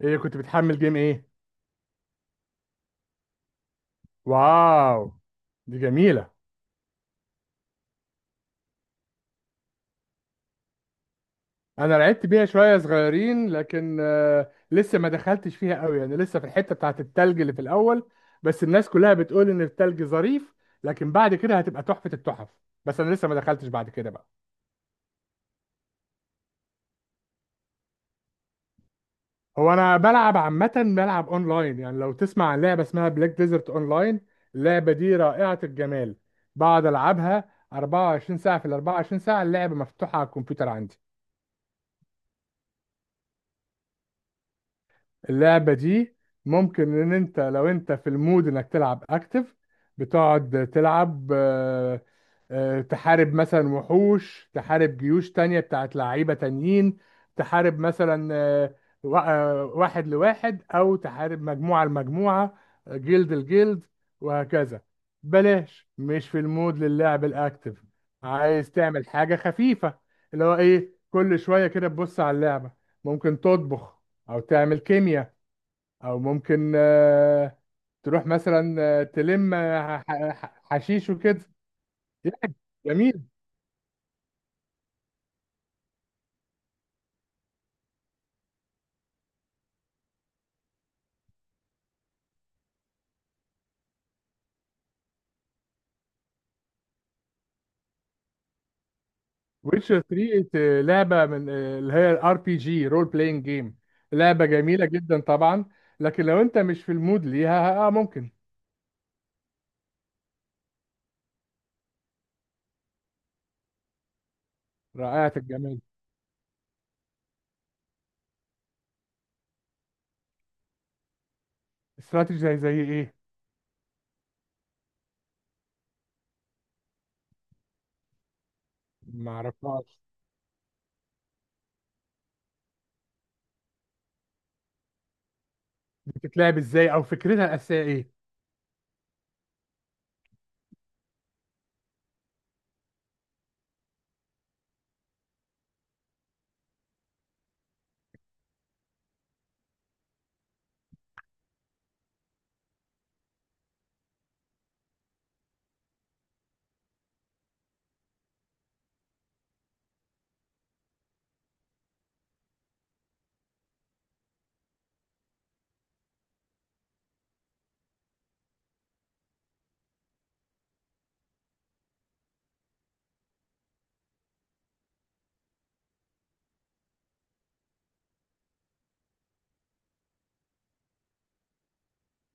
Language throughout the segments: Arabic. ايه كنت بتحمل جيم ايه؟ واو، دي جميلة. انا لعبت بيها شوية صغيرين لكن لسه ما دخلتش فيها قوي، يعني لسه في الحتة بتاعت التلج اللي في الاول. بس الناس كلها بتقول ان التلج ظريف، لكن بعد كده هتبقى تحفة التحف. بس انا لسه ما دخلتش بعد كده بقى. هو انا بلعب عامة بلعب اونلاين، يعني لو تسمع عن لعبة اسمها بلاك ديزرت اونلاين، اللعبة دي رائعة الجمال. بقعد العبها 24 ساعة في ال 24 ساعة، اللعبة مفتوحة على الكمبيوتر عندي. اللعبة دي ممكن ان انت لو انت في المود انك تلعب اكتف، بتقعد تلعب، تحارب مثلا وحوش، تحارب جيوش تانية بتاعت لعيبة تانيين. تحارب مثلا، واحد لواحد او تحارب مجموعة لمجموعة، جلد الجلد وهكذا. بلاش مش في المود للعب الاكتف، عايز تعمل حاجة خفيفة، اللي هو ايه، كل شوية كده تبص على اللعبة. ممكن تطبخ، او تعمل كيمياء، او ممكن تروح مثلا، تلم، حشيش وكده يعني. جميل. ويتشر 3 لعبه من، اللي هي الار بي جي رول بلاينج جيم، لعبه جميله جدا طبعا. لكن لو انت مش في المود ليها، اه ممكن. رائعه الجمال. استراتيجي زي زي ايه؟ ما اعرفهاش. دي بتتلعب ازاي، او فكرتها الاساسيه ايه؟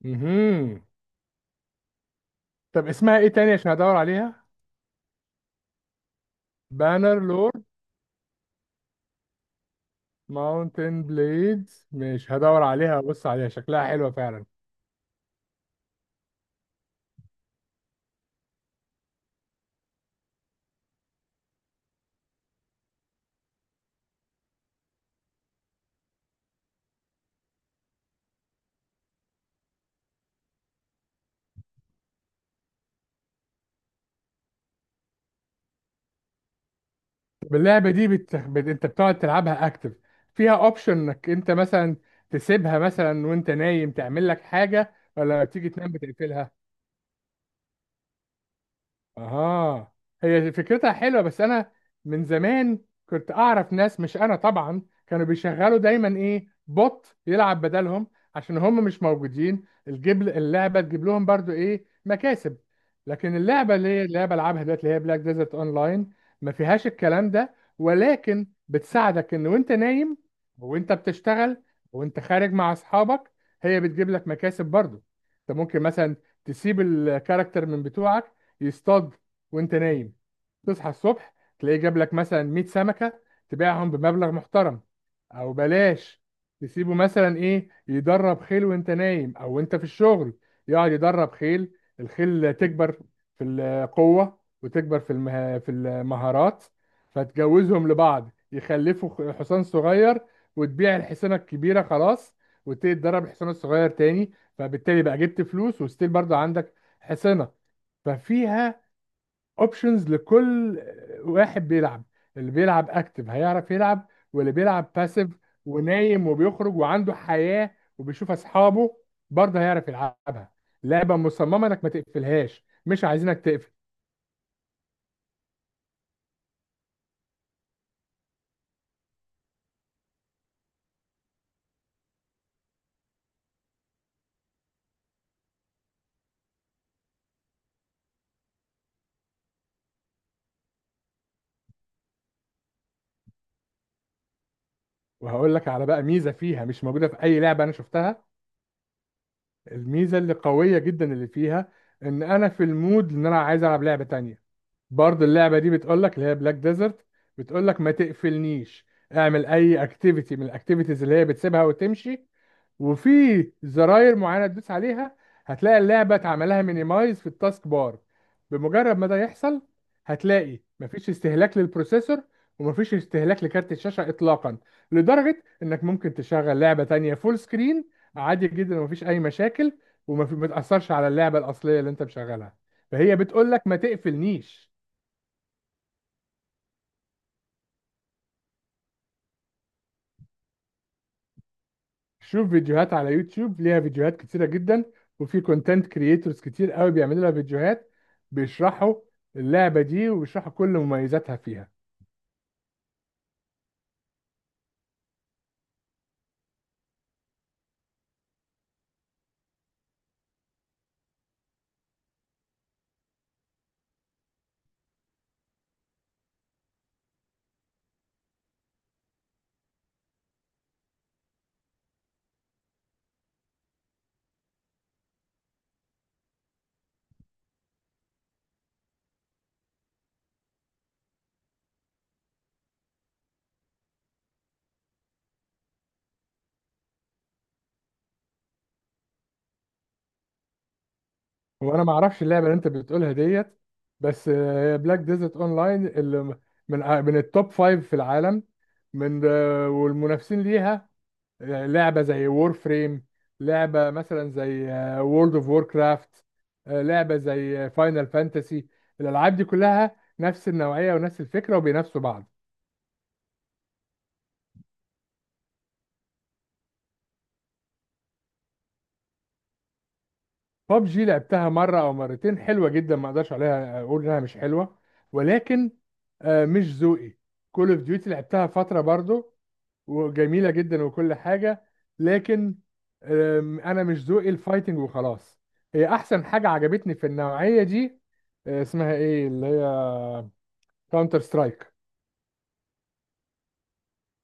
مهم. طب اسمها ايه تاني عشان ادور عليها؟ بانر لور، ماونتن بليدز، مش هدور عليها، بص عليها شكلها حلوة فعلا. باللعبة دي انت بتقعد تلعبها اكتف، فيها اوبشن انك انت مثلا تسيبها مثلا وانت نايم، تعمل لك حاجة، ولا لما بتيجي تنام بتقفلها؟ اها. هي فكرتها حلوه، بس انا من زمان كنت اعرف ناس، مش انا طبعا، كانوا بيشغلوا دايما ايه، بوت يلعب بدلهم، عشان هم مش موجودين، الجيب اللعبه تجيب لهم برضو ايه، مكاسب. لكن اللعبه اللي هي اللي بلعبها دلوقتي، اللي هي بلاك ديزرت لاين، ما فيهاش الكلام ده، ولكن بتساعدك ان وانت نايم، وانت بتشتغل، وانت خارج مع اصحابك، هي بتجيب لك مكاسب برضو. انت ممكن مثلا تسيب الكاركتر من بتوعك يصطاد وانت نايم، تصحى الصبح تلاقيه جاب لك مثلا 100 سمكة، تبيعهم بمبلغ محترم. او بلاش، تسيبه مثلا ايه، يدرب خيل وانت نايم او انت في الشغل، يقعد يدرب خيل، الخيل تكبر في القوة، وتكبر في في المهارات، فتجوزهم لبعض يخلفوا حصان صغير، وتبيع الحصانة الكبيرة، خلاص، وتبتدي تدرب الحصان الصغير تاني، فبالتالي بقى جبت فلوس، وستيل برضه عندك حصانة. ففيها اوبشنز لكل واحد بيلعب، اللي بيلعب اكتف هيعرف يلعب، واللي بيلعب باسيف، ونايم، وبيخرج، وعنده حياة، وبيشوف اصحابه، برضه هيعرف يلعبها. لعبة مصممة انك ما تقفلهاش، مش عايزينك تقفل. وهقول لك على بقى ميزة فيها مش موجودة في اي لعبة انا شفتها، الميزة اللي قوية جدا اللي فيها، ان انا في المود ان انا عايز العب لعبة تانية، برضه اللعبه دي بتقول لك، اللي هي بلاك ديزرت، بتقول لك ما تقفلنيش، اعمل اي اكتيفيتي من الاكتيفيتيز اللي هي بتسيبها وتمشي، وفي زراير معينه تدوس عليها، هتلاقي اللعبه اتعملها مينيمايز في التاسك بار، بمجرد ما ده يحصل هتلاقي مفيش استهلاك للبروسيسور، ومفيش استهلاك لكارت الشاشه اطلاقا، لدرجه انك ممكن تشغل لعبه تانية فول سكرين عادي جدا ومفيش اي مشاكل، ما تاثرش على اللعبه الاصليه اللي انت مشغلها، فهي بتقول لك ما تقفلنيش. شوف فيديوهات على يوتيوب، ليها فيديوهات كتيرة جدا، وفي كونتنت كريتورز كتير قوي بيعملوا لها فيديوهات، بيشرحوا اللعبة دي وبيشرحوا كل مميزاتها فيها. هو انا ما اعرفش اللعبة اللي انت بتقولها ديت، بس بلاك ديزرت اونلاين اللي من، من التوب فايف في العالم، من، والمنافسين ليها لعبة زي وور فريم، لعبة مثلا زي وورلد اوف وور كرافت، لعبة زي فاينل فانتسي، الألعاب دي كلها نفس النوعية ونفس الفكرة، وبينافسوا بعض. ببجي لعبتها مرة أو مرتين، حلوة جدا، ما أقدرش عليها، أقول إنها مش حلوة، ولكن مش ذوقي. كول اوف ديوتي لعبتها فترة برضو، وجميله جدا وكل حاجه، لكن انا مش ذوقي الفايتنج وخلاص. هي احسن حاجه عجبتني في النوعيه دي، اسمها ايه، اللي هي كاونتر سترايك.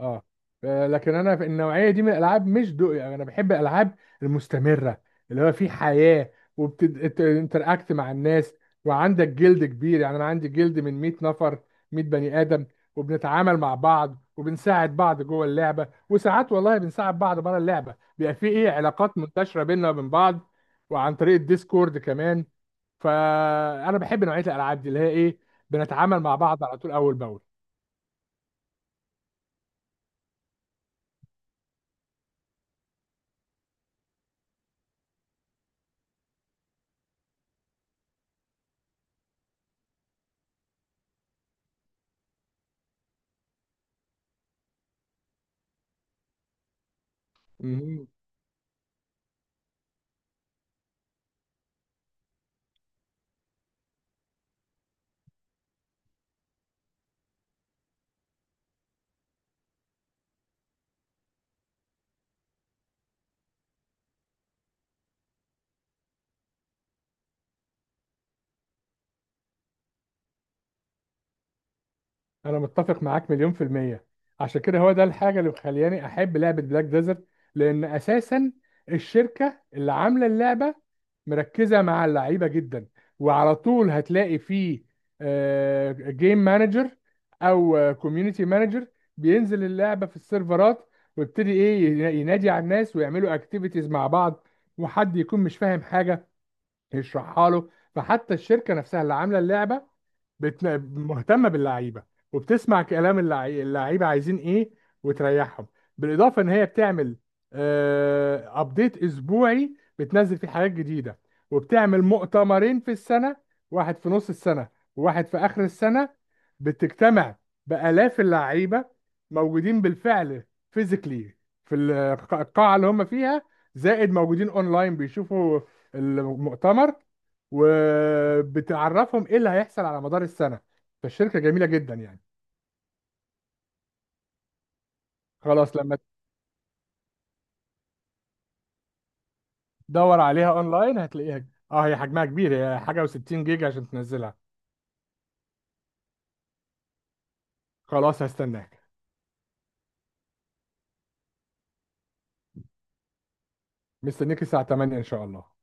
اه، لكن انا في النوعيه دي من الالعاب مش ذوقي، يعني انا بحب الالعاب المستمره اللي هو في حياه، وبتنتراكت مع الناس، وعندك جلد كبير. يعني انا عندي جلد من 100 نفر، 100 بني ادم، وبنتعامل مع بعض وبنساعد بعض جوه اللعبه، وساعات والله بنساعد بعض بره اللعبه، بيبقى في ايه علاقات منتشره بيننا وبين بعض، وعن طريق الديسكورد كمان. فانا بحب نوعيه الالعاب دي اللي هي ايه، بنتعامل مع بعض على طول اول باول. انا متفق معاك مليون في المية. عشان كده هو ده الحاجة اللي مخلياني احب لعبة بلاك ديزرت، لان اساسا الشركة اللي عاملة اللعبة مركزة مع اللعيبة جدا، وعلى طول هتلاقي فيه جيم مانجر او كوميونتي مانجر بينزل اللعبة في السيرفرات، ويبتدي ايه ينادي على الناس ويعملوا اكتيفيتيز مع بعض، وحد يكون مش فاهم حاجة يشرحها له. فحتى الشركة نفسها اللي عاملة اللعبة بت... مهتمه باللعيبه، وبتسمع كلام اللعيبه عايزين ايه وتريحهم، بالاضافه ان هي بتعمل ابديت اسبوعي بتنزل فيه حاجات جديده، وبتعمل مؤتمرين في السنه، واحد في نص السنه، وواحد في اخر السنه، بتجتمع بالاف اللعيبه موجودين بالفعل فيزيكلي في القاعه اللي هم فيها، زائد موجودين اونلاين بيشوفوا المؤتمر، وبتعرفهم ايه اللي هيحصل على مدار السنه. فالشركه جميله جدا يعني. خلاص، لما تدور عليها اونلاين هتلاقيها. اه هي حجمها كبير، هي حاجه و60 جيجا عشان تنزلها. خلاص هستناك. مستنيك الساعه 8 ان شاء الله.